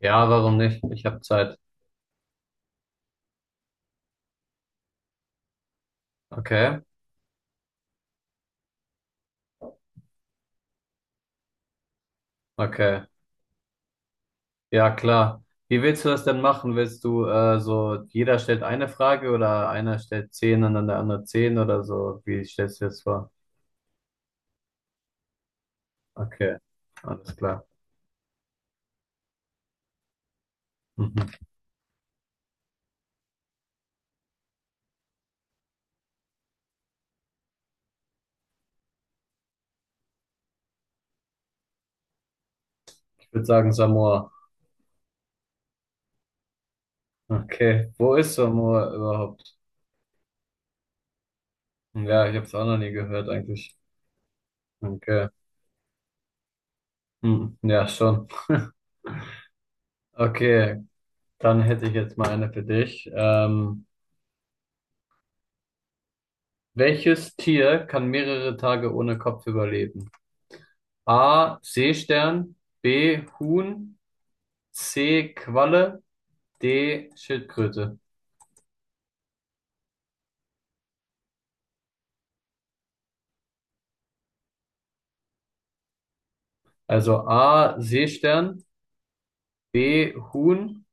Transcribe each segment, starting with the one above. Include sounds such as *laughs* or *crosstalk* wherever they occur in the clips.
Ja, warum nicht? Ich habe Zeit. Okay, okay. Ja, klar. Wie willst du das denn machen? Willst du so, jeder stellt eine Frage oder einer stellt 10 und dann der andere 10 oder so? Wie stellst du das vor? Okay, alles klar. Mhm. Ich würde sagen Samoa. Okay, wo ist Samoa überhaupt? Ja, ich habe es auch noch nie gehört eigentlich. Okay, hm. Ja, schon. Okay, dann hätte ich jetzt mal eine für dich. Welches Tier kann mehrere Tage ohne Kopf überleben? A. Seestern, B. Huhn, C. Qualle, D. Schildkröte. Also A. Seestern, B. Huhn,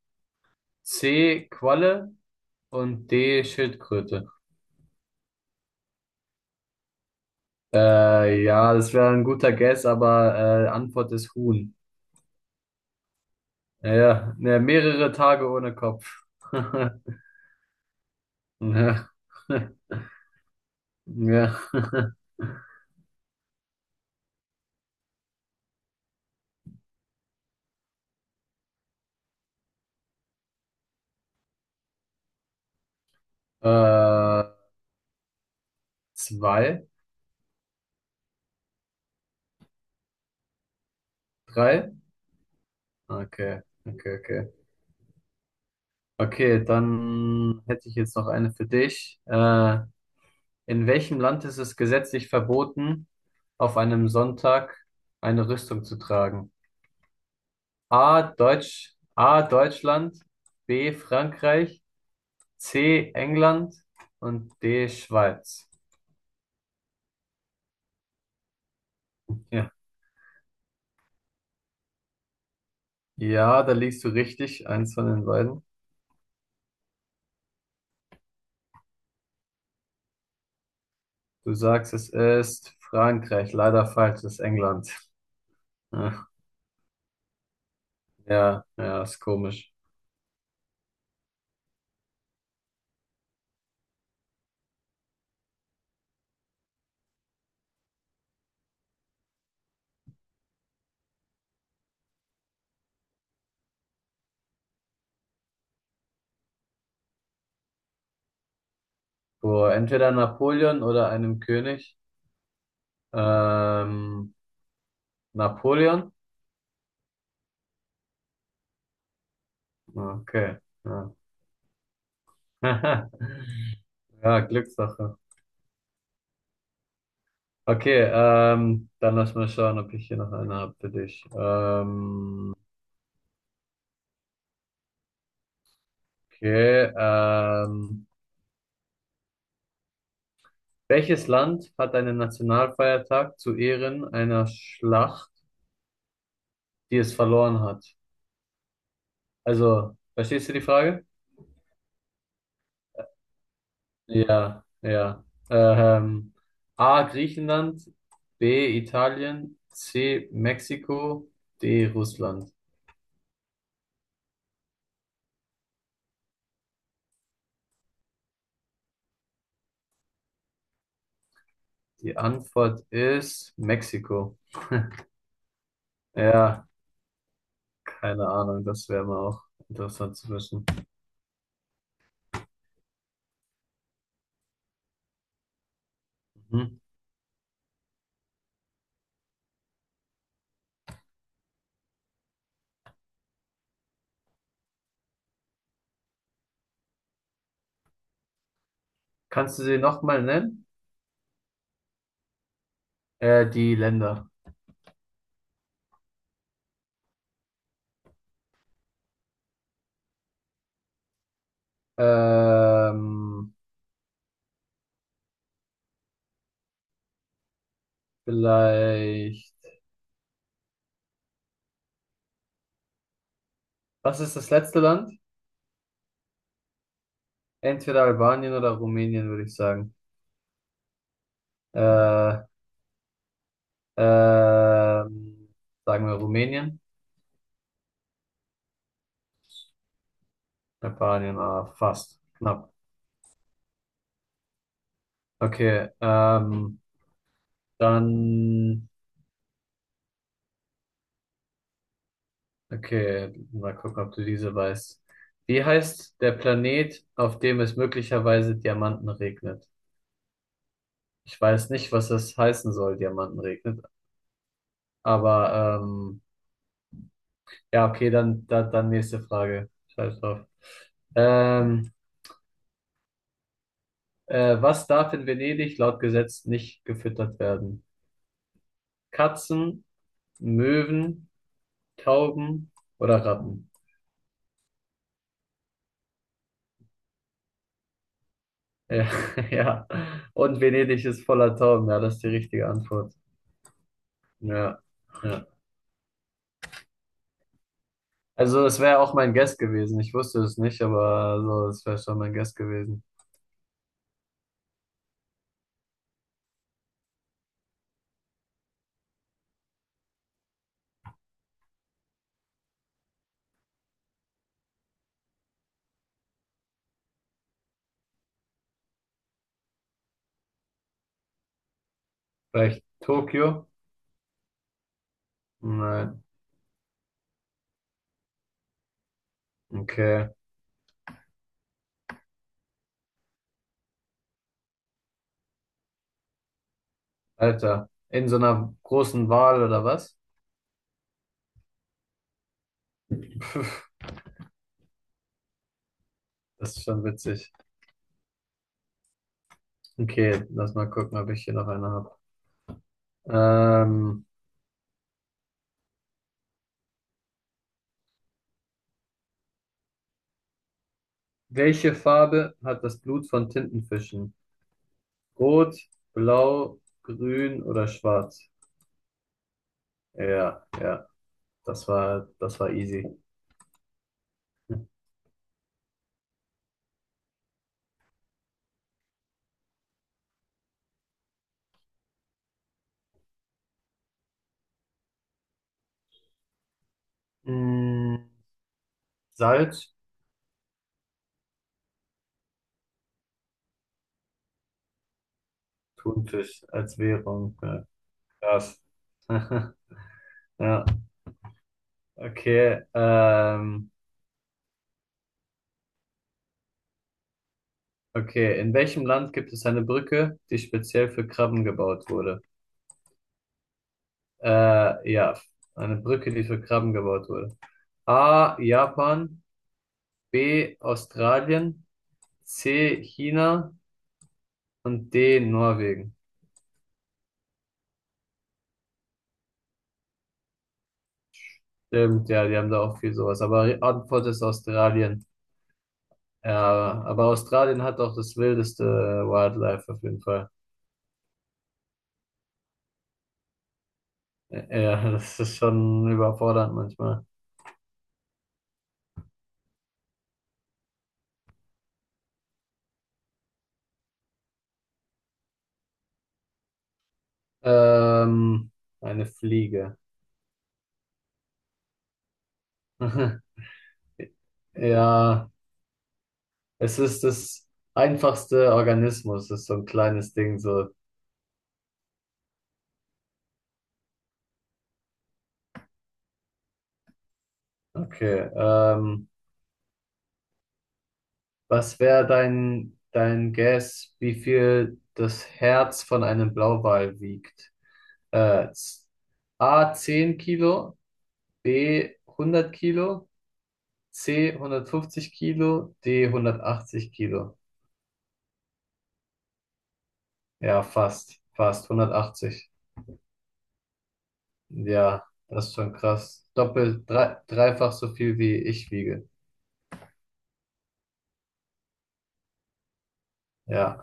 C. Qualle und D. Schildkröte. Ja, das wäre ein guter Guess, aber Antwort ist Huhn. Ja, ja, ne, mehrere Tage ohne Kopf. *laughs* Ja. *laughs* Ja. *laughs* Äh, zwei, drei? Okay, okay, okay. Okay, dann hätte ich jetzt noch eine für dich. In welchem Land ist es gesetzlich verboten, auf einem Sonntag eine Rüstung zu tragen? A. Deutschland, B. Frankreich, C. England und D. Schweiz. Ja. Ja, da liegst du richtig, eins von den beiden. Du sagst, es ist Frankreich, leider falsch, es ist England. Ja, ja, ja, ist komisch. Vor entweder Napoleon oder einem König. Ähm, Napoleon? Okay. Ja. *laughs* Ja, Glückssache. Okay, dann lass mal schauen, ob ich hier noch eine habe für dich. Okay, welches Land hat einen Nationalfeiertag zu Ehren einer Schlacht, die es verloren hat? Also, verstehst du die Frage? Ja, ja. Ähm, A. Griechenland, B. Italien, C. Mexiko, D. Russland. Die Antwort ist Mexiko. Ja, keine Ahnung, das wäre mal auch interessant zu wissen. Mhm. Kannst du sie nochmal nennen? Die Länder. Ähm, vielleicht. Was ist das letzte Land? Entweder Albanien oder Rumänien, würde ich sagen. Äh, ähm, sagen wir Rumänien? Albanien, ah, fast. Knapp. Okay, dann. Okay, mal gucken, ob du diese weißt. Wie heißt der Planet, auf dem es möglicherweise Diamanten regnet? Ich weiß nicht, was das heißen soll, Diamanten regnet. Aber ja, okay, dann nächste Frage. Scheiß drauf. Ähm, was darf in Venedig laut Gesetz nicht gefüttert werden? Katzen, Möwen, Tauben oder Ratten? Ja, *laughs* ja. Und Venedig ist voller Tauben. Ja, das ist die richtige Antwort. Ja, ja. Also es wäre auch mein Guess gewesen. Ich wusste es nicht, aber so, es wäre schon mein Guess gewesen. Vielleicht Tokio? Nein. Okay. Alter. In so einer großen Wahl oder was? *laughs* Das ist schon witzig. Okay, lass mal gucken, ob ich hier noch eine habe. Ähm, welche Farbe hat das Blut von Tintenfischen? Rot, blau, grün oder schwarz? Ja, ja, das war easy. Mm, Salz, Thunfisch als Währung. Ja, krass. *laughs* Ja, okay. Okay. In welchem Land gibt es eine Brücke, die speziell für Krabben gebaut wurde? Ja, eine Brücke, die für Krabben gebaut wurde. A. Japan, B. Australien, C. China und D. Norwegen. Stimmt, ja, die haben da auch viel sowas. Aber die Antwort ist Australien. Ja, aber Australien hat auch das wildeste Wildlife auf jeden Fall. Ja, *laughs* das ist schon überfordernd manchmal. Ähm, eine Fliege. *laughs* Ja, es ist das einfachste Organismus, ist so ein kleines Ding, so. Okay, was wäre dein, dein Guess, wie viel das Herz von einem Blauwal wiegt? Äh, z- A 10 Kilo, B 100 Kilo, C 150 Kilo, D 180 Kilo. Ja, fast, fast 180. Ja, das ist schon krass. Doppelt, drei, dreifach so viel wie ich wiege. Ja.